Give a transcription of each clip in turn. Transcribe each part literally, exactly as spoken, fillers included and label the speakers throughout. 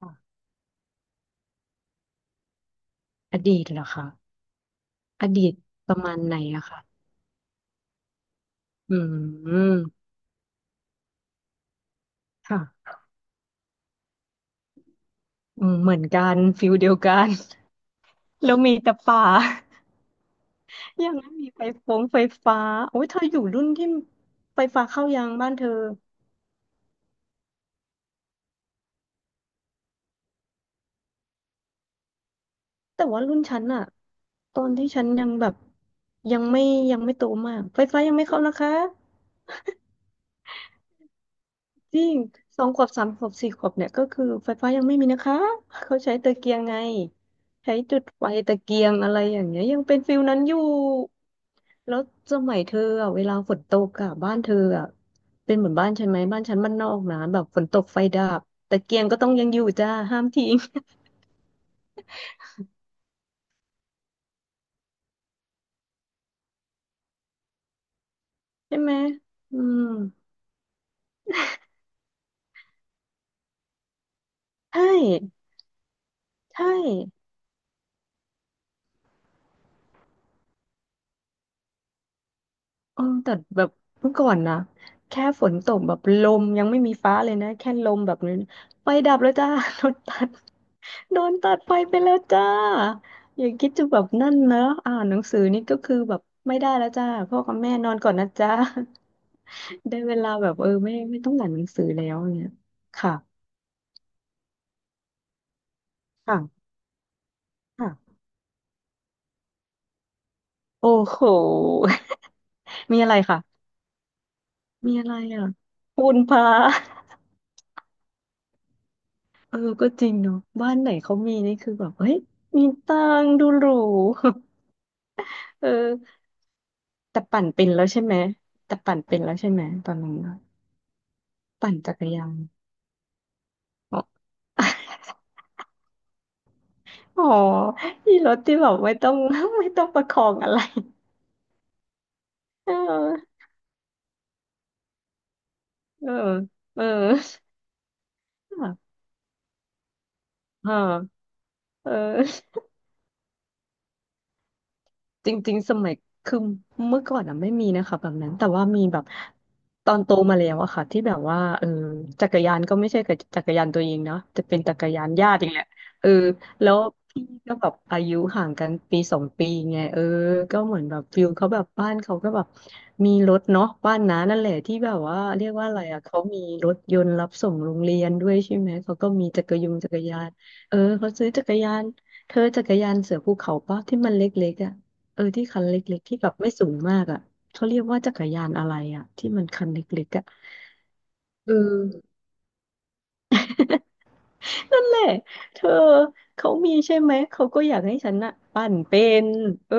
Speaker 1: ค่ะอดีตเหรอคะอดีตประมาณไหนอะค่ะอืมค่ะอืมเหมือนกันฟิลเดียวกัน แล้วมีแต่ป่า ยังไม่มีไฟฟงไฟฟ้าโอ้ยเธออยู่รุ่นที่ไฟฟ้าเข้ายังบ้านเธอ แต่ว่ารุ่นฉันอะตอนที่ฉันยังแบบยังไม่ยังไม่โตมาก ไฟฟ้ายังไม่เข้านะคะจริงสองขวบสามขวบสี่ขวบเนี่ยก็คือไฟฟ้ายังไม่มีนะคะ เขาใช้ตะเกียงไงใช้จุดไฟตะเกียงอะไรอย่างเงี้ยยังเป็นฟิลนั้นอยู่ แล้วสมัยเธออ่ะเวลาฝนตกอ่ะบ้านเธออ่ะเป็นเหมือนบ้านฉันไหมบ้านฉันบ้านนอกนะแบบฝนตกไฟดับตะเกียงก็ต้องยังอยู่จ้าห้ามทิ้ง ใช่ไหมอืมใช่ใช่เออแต่แบบเมื่อก่อนนะแค่ฝนตกแบบลมยังไม่มีฟ้าเลยนะแค่ลมแบบนี้ไฟดับแล้วจ้า โดนตัดโดนตัดไฟไปแล้วจ้าอย่าคิดจะแบบนั่นนะอ่านหนังสือนี่ก็คือแบบไม่ได้แล้วจ้าพ่อกับแม่นอนก่อนนะจ้า ได้เวลาแบบเออไม่ไม่ต้องอ่านหนังสือแล้วเนี่ยค่ะค่ะค่ะโอ้โห มีอะไรค่ะมีอะไรอ่ะปูนพา เออก็จริงเนาะบ้านไหนเขามีนี่คือแบบเฮ้ยมีตังค์ดูหรู เออแต่ปั่นเป็นแล้วใช่ไหมแต่ปั่นเป็นแล้วใช่ไหมตอนนั้นอะปั่นจักรยาน อ๋อ อ๋อที่รถที่แบบไม่ต้อง ไม่ต้องประคองอะไร เออเออเอออ่ะอ่าเออ จริงๆสมัยคือเมื่อก่อนอะไม่มีนะคะแบบนั้นแต่ว่ามีแบบตอนโตมาแล้วอะค่ะที่แบบว่าเออจักรยานก็ไม่ใช่กับจักรยานตัวเองเนาะจะเป็นจักรยานญาติอย่างเงี้ยเออแล้วพี่ก็แบบอายุห่างกันปีสองปีไงเออก็เหมือนแบบฟิลเขาแบบบ้านเขาก็แบบมีรถเนาะบ้านน้านั่นแหละที่แบบว่าเรียกว่าอะไรอะเขามีรถยนต์รับส่งโรงเรียนด้วยใช่ไหมเขาก็มีจักรยงจักรยานเออเขาซื้อจักรยานเธอจักรยานเสือภูเขาปะที่มันเล็กๆอ่ะ เออที่คันเล็กๆที่แบบไม่สูงมากอ่ะเขาเรียกว่าจักรยานอะไรอ่ะที่มันคันเล็กๆอ่ะเออนั่นแหละเธอเขามีใช่ไหมเขาก็อยากให้ฉันอะปั่นเป็นเออ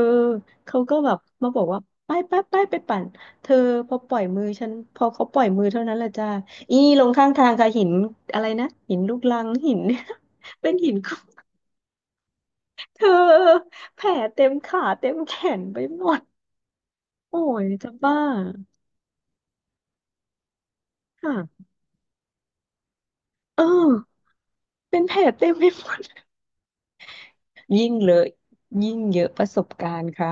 Speaker 1: เขาก็แบบมาบอกว่าไปไปไปไปปั่นเธอพอปล่อยมือฉันพอเขาปล่อยมือเท่านั้นแหละจ้าอีลงข้างทางค่ะหินอะไรนะหินลูกรังหิน เป็นหินคลุเธอแผลเต็มขาเต็มแขนไปหมดโอ้ยจะบ้าค่ะเออ เป็นแผลเต็มไปหมด ยิ่งเลอยิ่งเยอะประสบการณ์ค่ะ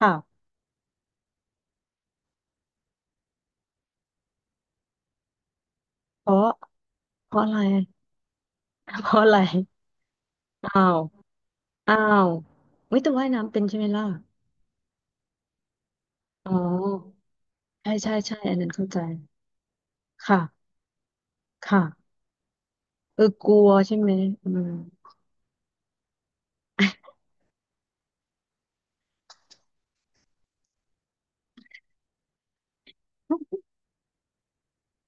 Speaker 1: อ้าวเพราะเพราะอะไรเพราะอะไรอ้าวอ้าวไม่แต่ว่ายน้ำเป็นใช่ไหมล่ะอ๋อใช่ใช่ใช่อันนั้นเข้าใจค่ะค่ะเออกลัวใช่ไหมอืม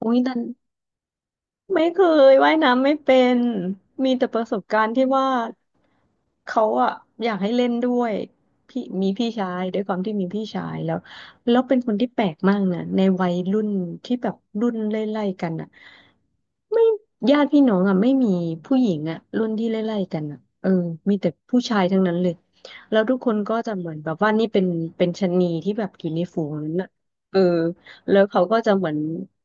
Speaker 1: อุ้ยดัน ไม่เคยว่ายน้ำไม่เป็นมีแต่ประสบการณ์ที่ว่าเขาอะอยากให้เล่นด้วยพี่มีพี่ชายด้วยความที่มีพี่ชายแล้วแล้วเป็นคนที่แปลกมากนะในวัยรุ่นที่แบบรุ่นไล่ๆกันอะไม่ญาติพี่น้องอะไม่มีผู้หญิงอะรุ่นที่ไล่ๆกันอะเออมีแต่ผู้ชายทั้งนั้นเลยแล้วทุกคนก็จะเหมือนแบบว่านี่เป็นเป็นชะนีที่แบบอยู่ในฝูงนั้นอะเออแล้วเขาก็จะเหมือน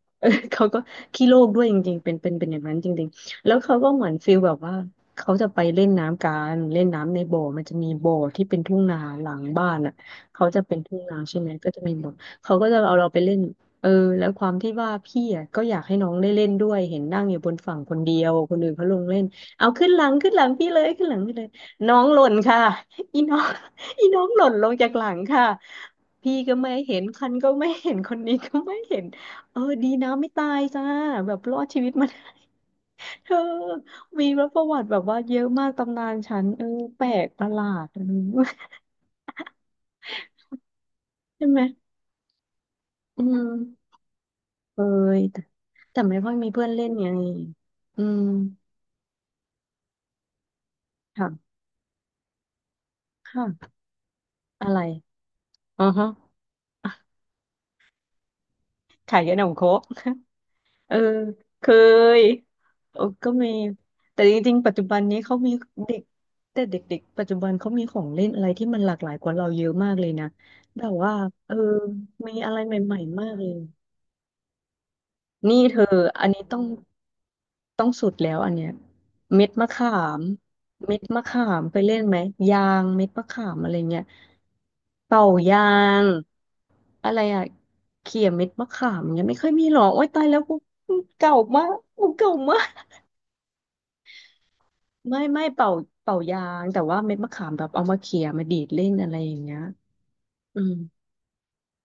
Speaker 1: เออเขาก็ขี้โลกด้วยจริงๆเป็นเป็นเป็นอย่างนั้นจริงๆแล้วเขาก็เหมือนฟีลแบบว่าเขาจะไปเล่นน้ำกันเล่นน้ำในบ่อมันจะมีบ่อที่เป็นทุ่งนาหลังบ้านอ่ะเขาจะเป็นทุ่งนาใช่ไหมก็จะมีบ่อเขาก็จะเอาเราไปเล่นเออแล้วความที่ว่าพี่อ่ะก็อยากให้น้องได้เล่นด้วยเห็นนั่งอยู่บนฝั่งคนเดียวคนอื่นเขาลงเล่นเอาขึ้นหลังขึ้นหลังพี่เลยขึ้นหลังพี่เลยน้องหล่นค่ะอีน้อง อีน้องหล่นลงจากหลังค่ะพี่ก็ไม่เห็นคันก็ไม่เห็นคนนี้ก็ไม่เห็น เออดีนะไม่ตายจ้าแบบรอดชีวิตมา เธอมีรประวัติแบบว่าเยอะมากตำนานฉันเออแปลกประหลาดเออ ใช่ไหมอืมเออแต่แต่ไม่ค่อยมีเพื่อนเล่นไงอืมค่ะค่ะอะไรอ๋อฮะ ขายับหนมโครก เออเคยเออก็มีแต่จริงๆปัจจุบันนี้เขามีเด็กแต่เด็กๆปัจจุบันเขามีของเล่นอะไรที่มันหลากหลายกว่าเราเยอะมากเลยนะแบบว่าเออมีอะไรใหม่ๆมากเลยนี่เธออันนี้ต้องต้องสุดแล้วอันเนี้ยเม็ดมะขามเม็ดมะขามไปเล่นไหมยางเม็ดมะขามอะไรเงี้ยเป่ายางอะไรอะเขี่ยเม็ดมะขามเงี้ยไม่ค่อยมีหรอโอ๊ยตายแล้วกูเก่ามากกูเก่ามาก ไม่ไม่เป่าเป่ายางแต่ว่าเม็ดมะขามแบบเอามาเขี่ยมาดีดเล่นอะไรอย่างเงี้ยอืม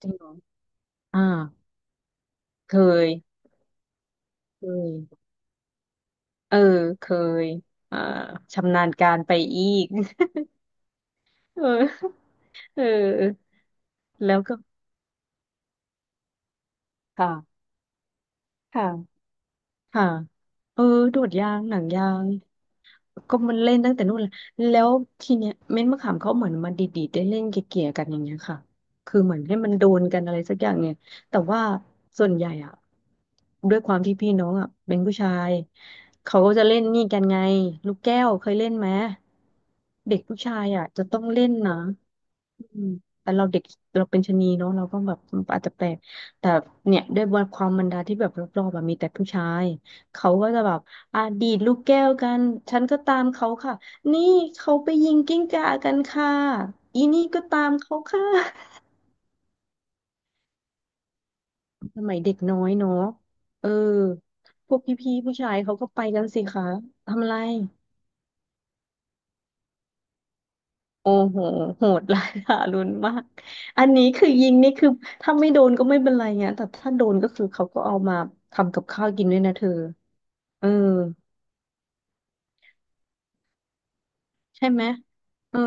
Speaker 1: จริงเหรออ่าเคยเคยเออเคยอ่าชำนาญการไปอีก เออเออแล้วก็ค่ะค่ะค่ะเออโดดยางหนังยาง ก็มันเล่นตั้งแต่นู่นเลยแล้วทีเนี้ยเม็ดมะขามเขาเหมือนมาดีดๆได้เล่นเกี่ยๆกันอย่างเงี้ยค่ะคือเหมือนให้มันโดนกันอะไรสักอย่างเนี่ยแต่ว่าส่วนใหญ่อะด้วยความที่พี่น้องอะเป็นผู้ชายเขาก็จะเล่นนี่กันไงลูกแก้วเคยเล่นไหมเด็กผู้ชายอะจะต้องเล่นนะอืมแต่เราเด็กเราเป็นชะนีเนาะเราก็แบบอาจจะแปลกแต่เนี่ยด้วยความบรรดาที่แบบรอบๆแบบมีแต่ผู้ชายเขาก็จะแบบ อ่าดีดลูกแก้วกัน ฉันก็ตามเขาค่ะ นี่เขาไปยิงกิ้งก่ากันค่ะ อีนี่ก็ตามเขาค่ะสมัยเด็กน้อยเนาะเออพวกพี่ๆผู้ชายเขาก็ไปกันสิคะทำไรโอ้โหโหดร้ายทารุณมากอันนี้คือยิงนี่คือถ้าไม่โดนก็ไม่เป็นไรเงี้ยแต่ถ้าโดนก็คือเขาก็เอามาทำกับข้าวกินด้วยนะเธอเออใช่ไหมเออ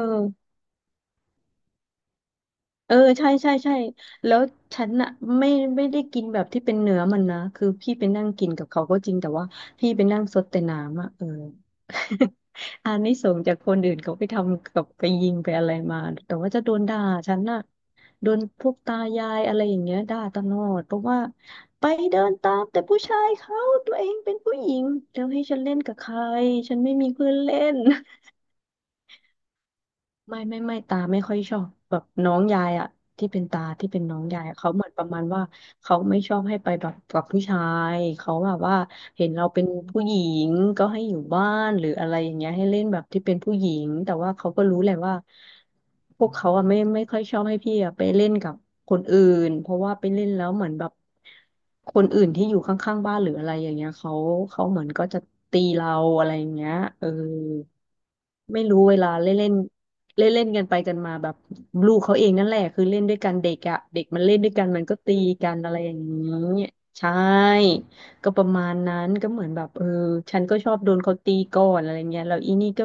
Speaker 1: เออใช่ใช่ใช่แล้วฉันอะไม่ไม่ได้กินแบบที่เป็นเนื้อมันนะคือพี่ไปนั่งกินกับเขาก็จริงแต่ว่าพี่ไปนั่งซดแต่น้ำอะเออ อานิสงส์จากคนอื่นเขาไปทำกับไปยิงไปอะไรมาแต่ว่าจะโดนด่าฉันน่ะโดนพวกตายายอะไรอย่างเงี้ยด่าตลอดเพราะว่าไปเดินตามแต่ผู้ชายเขาตัวเองเป็นผู้หญิงแล้วให้ฉันเล่นกับใครฉันไม่มีเพื่อนเล่น ไม่ไม่ไม่ตาไม่ค่อยชอบแบบน้องยายอะที่เป็นตาที่เป็นน้องยายอะเขาเหมือนประมาณว่าเขาไม่ชอบให้ไปแบบกับผู้ชายเขาแบบว่าเห็นเราเป็นผู้หญิงก็ให้อยู่บ้านหรืออะไรอย่างเงี้ยให้เล่นแบบที่เป็นผู้หญิงแต่ว่าเขาก็รู้แหละว่าพวกเขาอะไม่ไม่ค่อยชอบให้พี่อะไปเล่นกับคนอื่นเพราะว่าไปเล่นแล้วเหมือนแบบคนอื่นที่อยู่ข้างๆบ้านหรืออะไรอย่างเงี้ยเขาเขาเหมือนก็จะตีเราอะไรอย่างเงี้ยเออไม่รู้เวลาเล่นเล่น เล่นเล่นกันไปกันมาแบบลูกเขาเองนั่นแหละคือเล่นด้วยกันเด็กอะเด็กมันเล่นด้วยกันมันก็ตีกันอะไรอย่างนี้ใช่ก็ประมาณนั้นก็เหมือนแบบเออฉันก็ชอบโดนเขาตีก่อนอะไรเงี้ยแล้วอีนี่ก็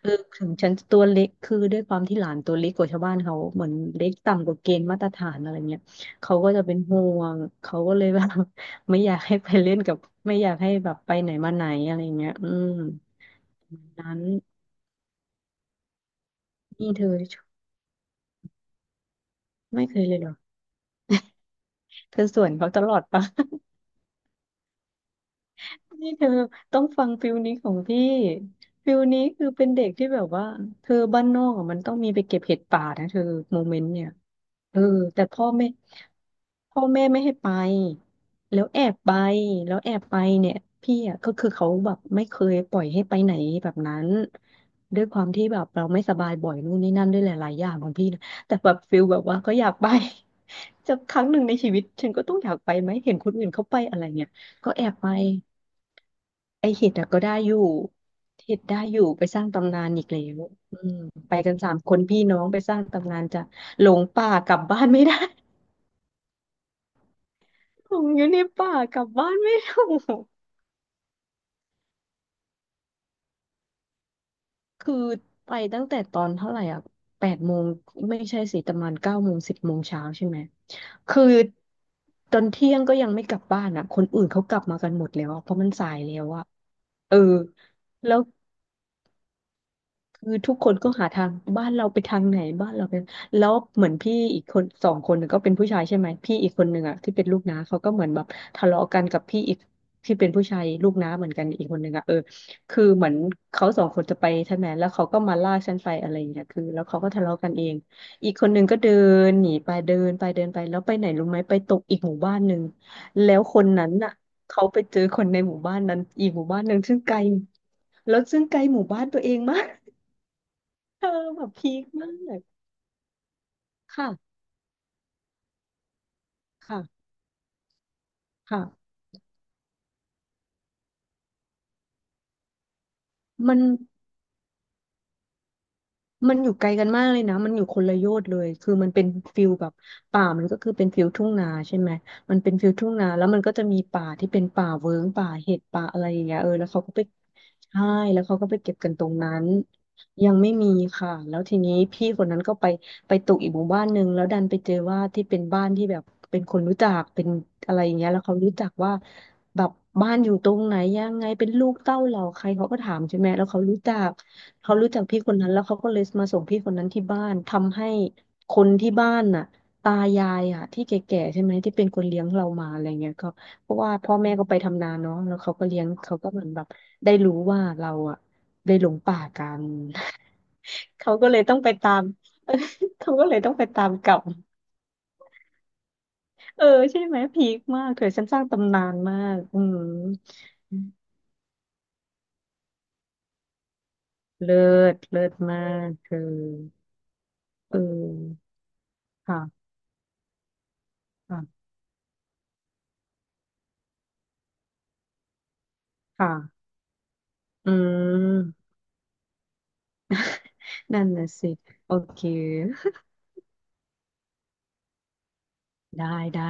Speaker 1: เออถึงฉันจะตัวเล็กคือด้วยความที่หลานตัวเล็กกว่าชาวบ้านเขาเหมือนเล็กต่ำกว่าเกณฑ์มาตรฐานอะไรเงี้ยเขาก็จะเป็นห่วงเขาก็เลยแบบ ไม่อยากให้ไปเล่นกับไม่อยากให้แบบไปไหนมาไหนอะไรเงี้ยอืมนั้นนี่เธอไม่เคยเลยเหรอ เธอสวนเขาตลอดปะ นี่เธอต้องฟังฟิลนี้ของพี่ ฟิลนี้คือเป็นเด็กที่แบบว่าเธอบ้านนอกอะมันต้องมีไปเก็บเห็ดป่านะเธอโมเมนต์เนี่ยเออแต่พ่อแม่พ่อแม่ไม่ให้ไป แล้วแอบไปแล้วแอบไปเนี่ยพี่อ่ะก็คือเขาแบบไม่เคยปล่อยให้ไปไหนแบบนั้นด้วยความที่แบบเราไม่สบายบ่อยนู่นนี่นั่นด้วยหลายๆอย่างของพี่นะแต่แบบฟิลแบบว่าก็อยากไป จะครั้งหนึ่งในชีวิตฉันก็ต้องอยากไปไหมเห็นคนอื่นเขาไปอะไรเนี่ยก็แอบไป ไอเห็ดอะก็ได้อยู่เห็ดได้อยู่ไปสร้างตำนานอีกแล้วอืมไปกันสามคนพี่น้องไปสร้างตำนานจะหลงป่ากลับบ้านไม่ได้ หลงอยู่ในป่ากลับบ้านไม่ถูกคือไปตั้งแต่ตอนเท่าไหร่อ่ะแปดโมงไม่ใช่สิประมาณเก้าโมงสิบโมงเช้าใช่ไหมคือตอนเที่ยงก็ยังไม่กลับบ้านอ่ะคนอื่นเขากลับมากันหมดแล้วอะเพราะมันสายแล้วอ่ะเออแล้ว คือทุกคนก็หาทางบ้านเราไปทางไหนบ้านเราไปแล้วเหมือนพี่อีกคนสองคนน่ะก็เป็นผู้ชายใช่ไหมพี่อีกคนหนึ่งอ่ะที่เป็นลูกน้าเขาก็เหมือนแบบทะเลาะกันกับพี่อีกที่เป็นผู้ชายลูกน้าเหมือนกันอีกคนหนึ่งอ่ะเออคือเหมือนเขาสองคนจะไปใช่ไหมแล้วเขาก็มาลากฉันไปอะไรอย่างเงี้ยคือแล้วเขาก็ทะเลาะกันเองอีกคนหนึ่งก็เดินหนีไปเดินไปเดินไปแล้วไปไหนรู้ไหมไปตกอีกหมู่บ้านหนึ่งแล้วคนนั้นน่ะเขาไปเจอคนในหมู่บ้านนั้นอีกหมู่บ้านหนึ่งซึ่งไกลแล้วซึ่งไกลหมู่บ้านตัวเองมาก เธอแบบพีคมากค่ะ ค่ะ ค่ะ มัน มันอยู่ไกลกันมากเลยนะมันอยู่คนละโยชน์เลยคือมันเป็นฟิลแบบป่ามันก็คือเป็นฟิลทุ่งนาใช่ไหมมันเป็นฟิลทุ่งนาแล้วมันก็จะมีป่าที่เป็นป่าเวิ้งป่าเห็ดป่าอะไรอย่างเงี้ยเออแล้วเขาก็ไปใช่แล้วเขาก็ไปเก็บกันตรงนั้นยังไม่มีค่ะแล้วทีนี้พี่คนนั้นก็ไปไปตกอีกหมู่บ้านหนึ่งแล้วดันไปเจอว่าที่เป็นบ้านที่แบบเป็นคนรู้จักเป็นอะไรอย่างเงี้ยแล้วเขารู้จักว่าแบบบ้านอยู่ตรงไหนยังไงเป็นลูกเต้าเหล่าใครเขาก็ถามใช่ไหมแล้วเขารู้จัก เขารู้จักพี่คนนั้นแล้วเขาก็เลยมาส่งพี่คนนั้นที่บ้านทำให้คนที่บ้านน่ะตายายอ่ะที่แก่ๆใช่ไหมที่เป็นคนเลี้ยงเรามาอะไรเงี้ยก็เพราะว่าพ่อแม่ก็ไปทำนาเนาะแล้วเขาก็เลี้ยงเขาก็เหมือนแบบได้รู้ว่าเราอ่ะได้หลงป่ากัน เขาก็เลยต้องไปตาม เขาก็เลยต้องไปตามกลับเออใช่ไหมพีคมากเธอฉันสร้างตำนานมากอืมเลิศเลิศมากเธอเออค่ะค่ะค่ะ อืมนั่นน่ะสิ โอเค ได้ได้